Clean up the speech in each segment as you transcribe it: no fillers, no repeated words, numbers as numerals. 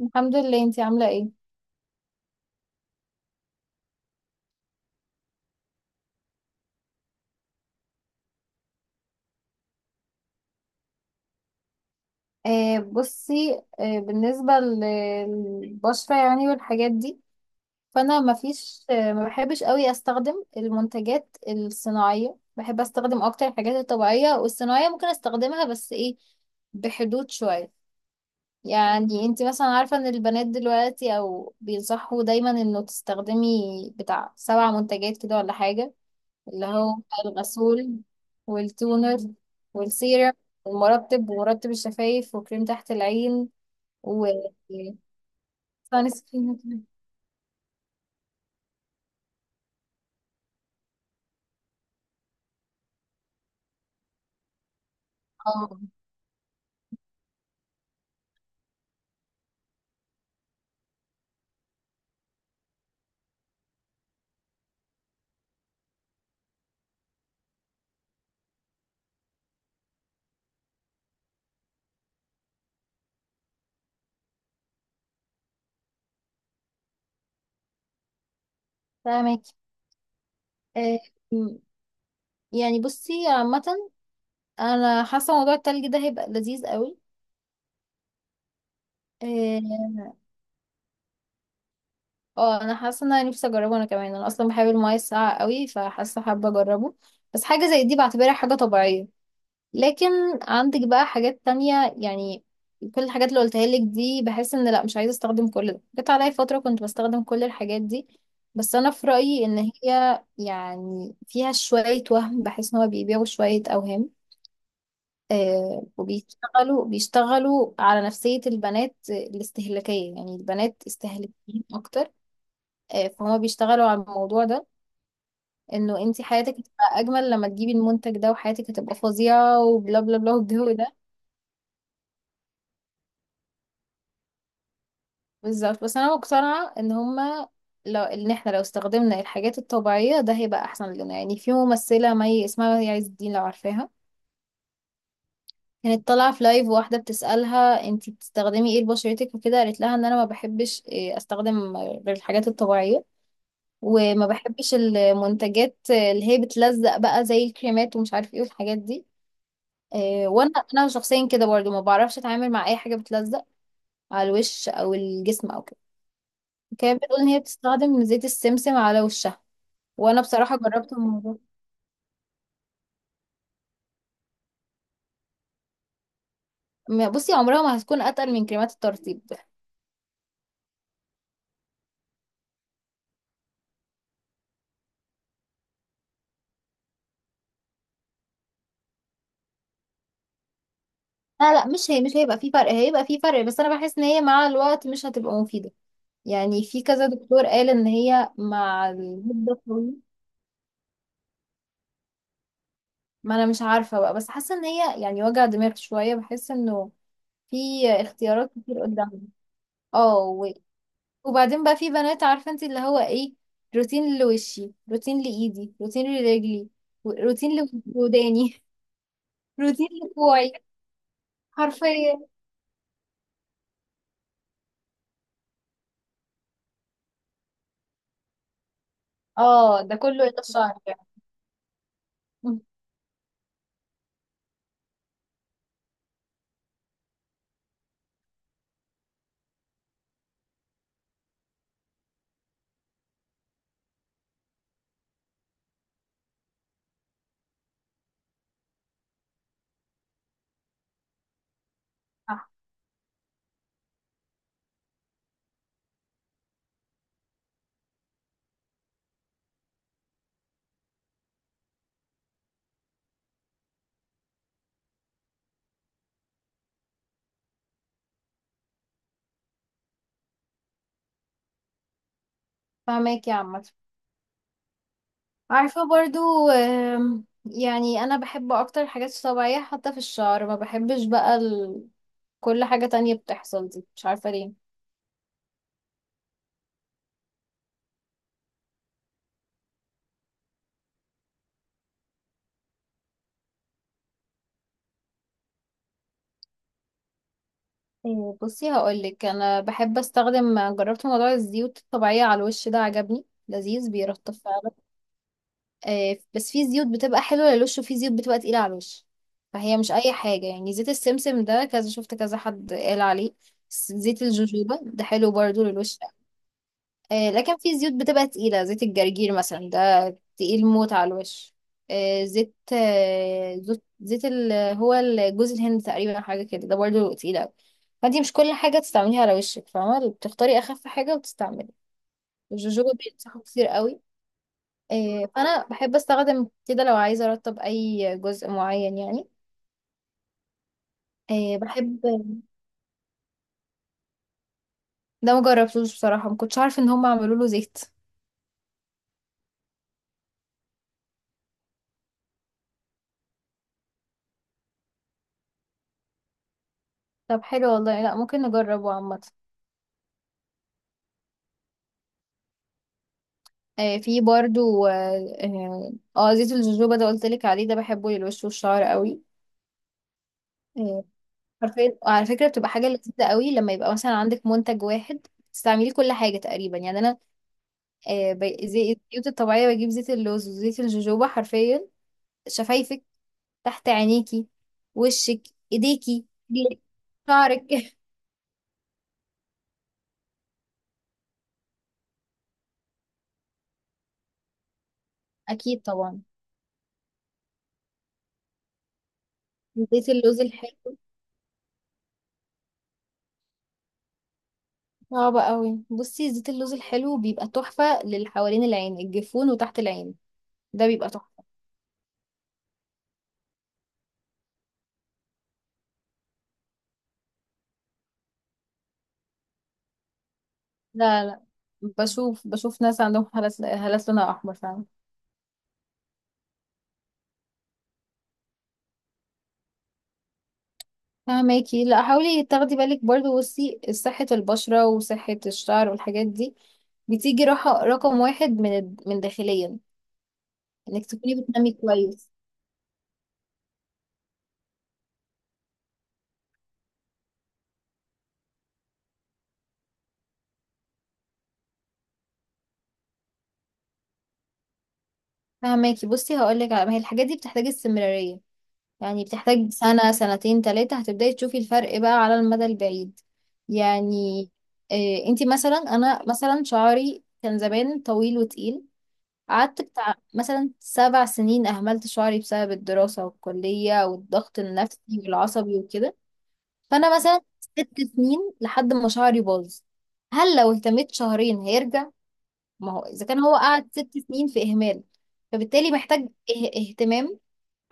الحمد لله، انتي عاملة ايه؟ بصي، بالنسبة للبشرة، يعني، والحاجات دي. فانا مفيش، ما بحبش قوي استخدم المنتجات الصناعية. بحب استخدم اكتر الحاجات الطبيعية، والصناعية ممكن استخدمها بس ايه بحدود شوية. يعني انتي مثلا عارفة ان البنات دلوقتي او بينصحوا دايما انه تستخدمي بتاع 7 منتجات كده ولا حاجة. اللي هو الغسول، والتونر، والسيرم، والمرطب، ومرطب الشفايف، وكريم تحت العين، و سان سكرين. اه، فاهمك. آه، م- يعني بصي، عامة انا حاسة موضوع التلج ده هيبقى لذيذ قوي. اه انا حاسة ان انا نفسي اجربه انا كمان، انا اصلا بحب المياه الساقعة قوي فحاسة حابة اجربه. بس حاجة زي دي بعتبرها حاجة طبيعية، لكن عندك بقى حاجات تانية يعني. كل الحاجات اللي قلتها لك دي بحس ان، لا، مش عايزة استخدم كل ده. جت عليا فترة كنت بستخدم كل الحاجات دي، بس انا في رأيي ان هي يعني فيها شوية وهم، بحس ان هو بيبيعوا شوية اوهام. وبيشتغلوا على نفسية البنات الاستهلاكية، يعني البنات استهلاكيين اكتر. فهما بيشتغلوا على الموضوع ده، انه انت حياتك هتبقى اجمل لما تجيبي المنتج ده، وحياتك هتبقى فظيعة، وبلا بلا بلا، والجو ده. بالظبط. بس انا مقتنعه ان هما لو ان احنا لو استخدمنا الحاجات الطبيعيه ده هيبقى احسن لنا. يعني في ممثله مي، اسمها مي عز الدين، لو عارفاها. كانت طالعه في لايف واحده بتسالها انتي بتستخدمي ايه لبشرتك وكده، قالت لها ان انا ما بحبش، استخدم غير الحاجات الطبيعيه. وما بحبش المنتجات اللي هي بتلزق بقى، زي الكريمات، ومش عارف ايه، والحاجات دي. وانا شخصيا كده برضو ما بعرفش اتعامل مع اي حاجه بتلزق على الوش او الجسم او كده. كانت بتقول ان هي بتستخدم زيت السمسم على وشها، وانا بصراحه جربت الموضوع. بصي، عمرها ما هتكون اتقل من كريمات الترطيب. لا، لا، مش، هي مش هيبقى في فرق، هيبقى في فرق، بس انا بحس ان هي مع الوقت مش هتبقى مفيده. يعني في كذا دكتور قال ان هي مع المده الطويله. ما انا مش عارفه بقى، بس حاسه ان هي يعني وجع دماغ شويه. بحس انه في اختيارات كتير قدامنا. اه و- وبعدين بقى في بنات، عارفه انت، اللي هو ايه؟ روتين لوشي، روتين لايدي، روتين لرجلي، روتين لوداني، روتين لكوعي، حرفيا. اه، ده كله يتشعر يعني. مم. صح. فاهمك يا عمت. عارفة برضو، يعني أنا بحب أكتر الحاجات الطبيعية، حتى في الشعر ما بحبش بقى كل حاجة تانية بتحصل دي، مش عارفة ليه. بصي هقولك، أنا بحب أستخدم، جربت موضوع الزيوت الطبيعية على الوش، ده عجبني، لذيذ، بيرطب فعلا. بس في زيوت بتبقى حلوة للوش، وفي زيوت بتبقى تقيلة على الوش. فهي مش أي حاجة، يعني زيت السمسم ده كذا شفت كذا حد قال عليه. زيت الجوجوبا ده حلو برضو للوش. لكن في زيوت بتبقى تقيلة، زيت الجرجير مثلا ده تقيل موت على الوش. زيت هو جوز الهند تقريبا، حاجة كده، ده برضه تقيل أوي. فانتي مش كل حاجة تستعمليها على وشك، فاهمة؟ بتختاري أخف حاجة وتستعملي. الجوجوبا بينصحوا كتير قوي. فأنا بحب أستخدم كده لو عايزة أرطب أي جزء معين يعني. بحب. ده مجربتوش بصراحة، مكنتش عارفة إن هم عملوا له زيت. طب حلو والله، لا ممكن نجربه عامة. في برضو زيت الجوجوبا ده قلت لك عليه، ده بحبه للوش والشعر قوي. آه، حرفيا، وعلى فكرة، بتبقى حاجة لذيذة قوي لما يبقى مثلا عندك منتج واحد تستعملي كل حاجة تقريبا. يعني أنا، الزيوت الطبيعية، بجيب زيت اللوز وزيت الجوجوبا حرفيا. شفايفك، تحت عينيكي، وشك، ايديكي، رجلك، شعرك. أكيد طبعا. زيت اللوز الحلو. صعب قوي. بصي زيت اللوز الحلو بيبقى تحفة للي حوالين العين، الجفون وتحت العين. ده بيبقى تحفة. لا، لا، بشوف ناس عندهم هالات لونها احمر فعلا. فهماكي. لا، حاولي تاخدي بالك برضو، بصي، صحة البشرة وصحة الشعر والحاجات دي بتيجي راحة رقم واحد من من داخليا، انك تكوني بتنامي كويس. فهماكي، بصي هقولك. على ما هي الحاجات دي بتحتاج استمرارية، يعني بتحتاج سنة سنتين تلاتة هتبدأي تشوفي الفرق بقى على المدى البعيد يعني. إيه، انتي مثلا، انا مثلا شعري كان زمان طويل وتقيل. قعدت بتاع مثلا 7 سنين أهملت شعري بسبب الدراسة والكلية والضغط النفسي والعصبي وكده. فأنا مثلا 6 سنين لحد ما شعري باظ. هل لو اهتميت شهرين هيرجع؟ ما هو إذا كان هو قعد 6 سنين في إهمال، فبالتالي محتاج اهتمام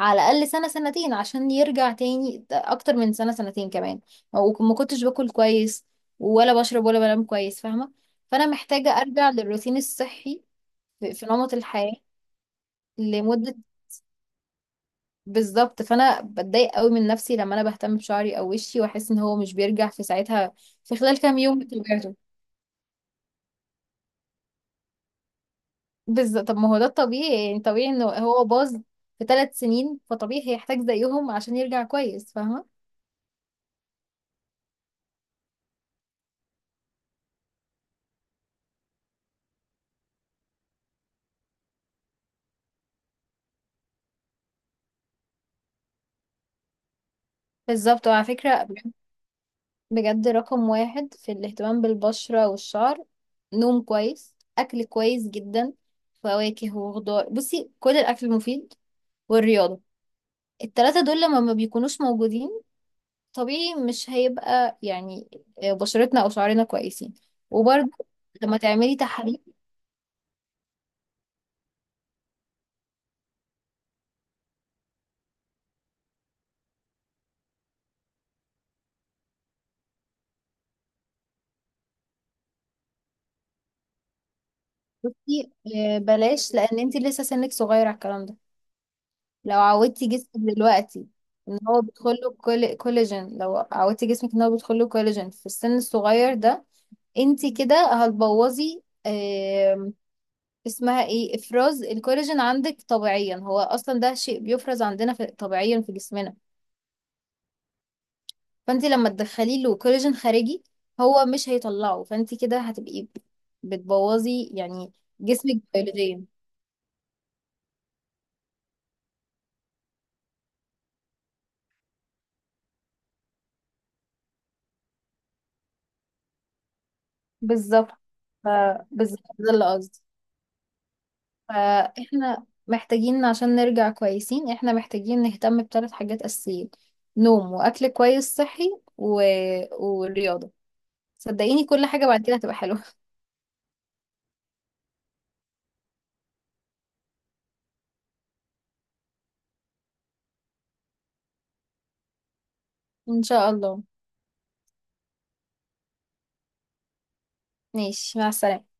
على الأقل سنة سنتين عشان يرجع تاني، أكتر من سنة سنتين كمان. وما كنتش باكل كويس، ولا بشرب، ولا بنام كويس، فاهمة؟ فأنا محتاجة أرجع للروتين الصحي في نمط الحياة لمدة. بالظبط. فانا بتضايق قوي من نفسي لما انا بهتم بشعري او وشي واحس ان هو مش بيرجع في ساعتها، في خلال كام يوم بطبيعته. بالظبط. طب ما هو ده الطبيعي، يعني طبيعي انه هو باظ في 3 سنين، فطبيعي هيحتاج زيهم عشان يرجع كويس، فاهمة؟ بالظبط. وعلى فكرة بجد، بجد رقم واحد في الاهتمام بالبشرة والشعر. نوم كويس، أكل كويس جدا، فواكه وخضار، بصي كل الأكل المفيد، والرياضة. التلاتة دول لما ما بيكونوش موجودين، طبيعي مش هيبقى يعني، بشرتنا او شعرنا كويسين. وبرده لما تعملي تحاليل. بلاش، لان انت لسه سنك صغير على الكلام ده. لو عودتي جسمك دلوقتي ان هو بيدخله كل كولاجين، لو عودتي جسمك ان هو بيدخله كولاجين في السن الصغير ده، انت كده هتبوظي. اسمها ايه، افراز الكولاجين عندك طبيعيا، هو اصلا ده شيء بيفرز عندنا في طبيعيا في جسمنا. فانت لما تدخلي له كولاجين خارجي، هو مش هيطلعه، فانت كده هتبقي بتبوظي يعني جسمك بيولوجيا. بالظبط. ف- بالظبط ده اللي قصدي. فاحنا محتاجين عشان نرجع كويسين، احنا محتاجين نهتم بثلاث حاجات اساسيين: نوم، واكل كويس صحي، و... ورياضة. صدقيني كل حاجة بعد كده هتبقى حلوة. ان شاء الله. ماشي، مع السلامة.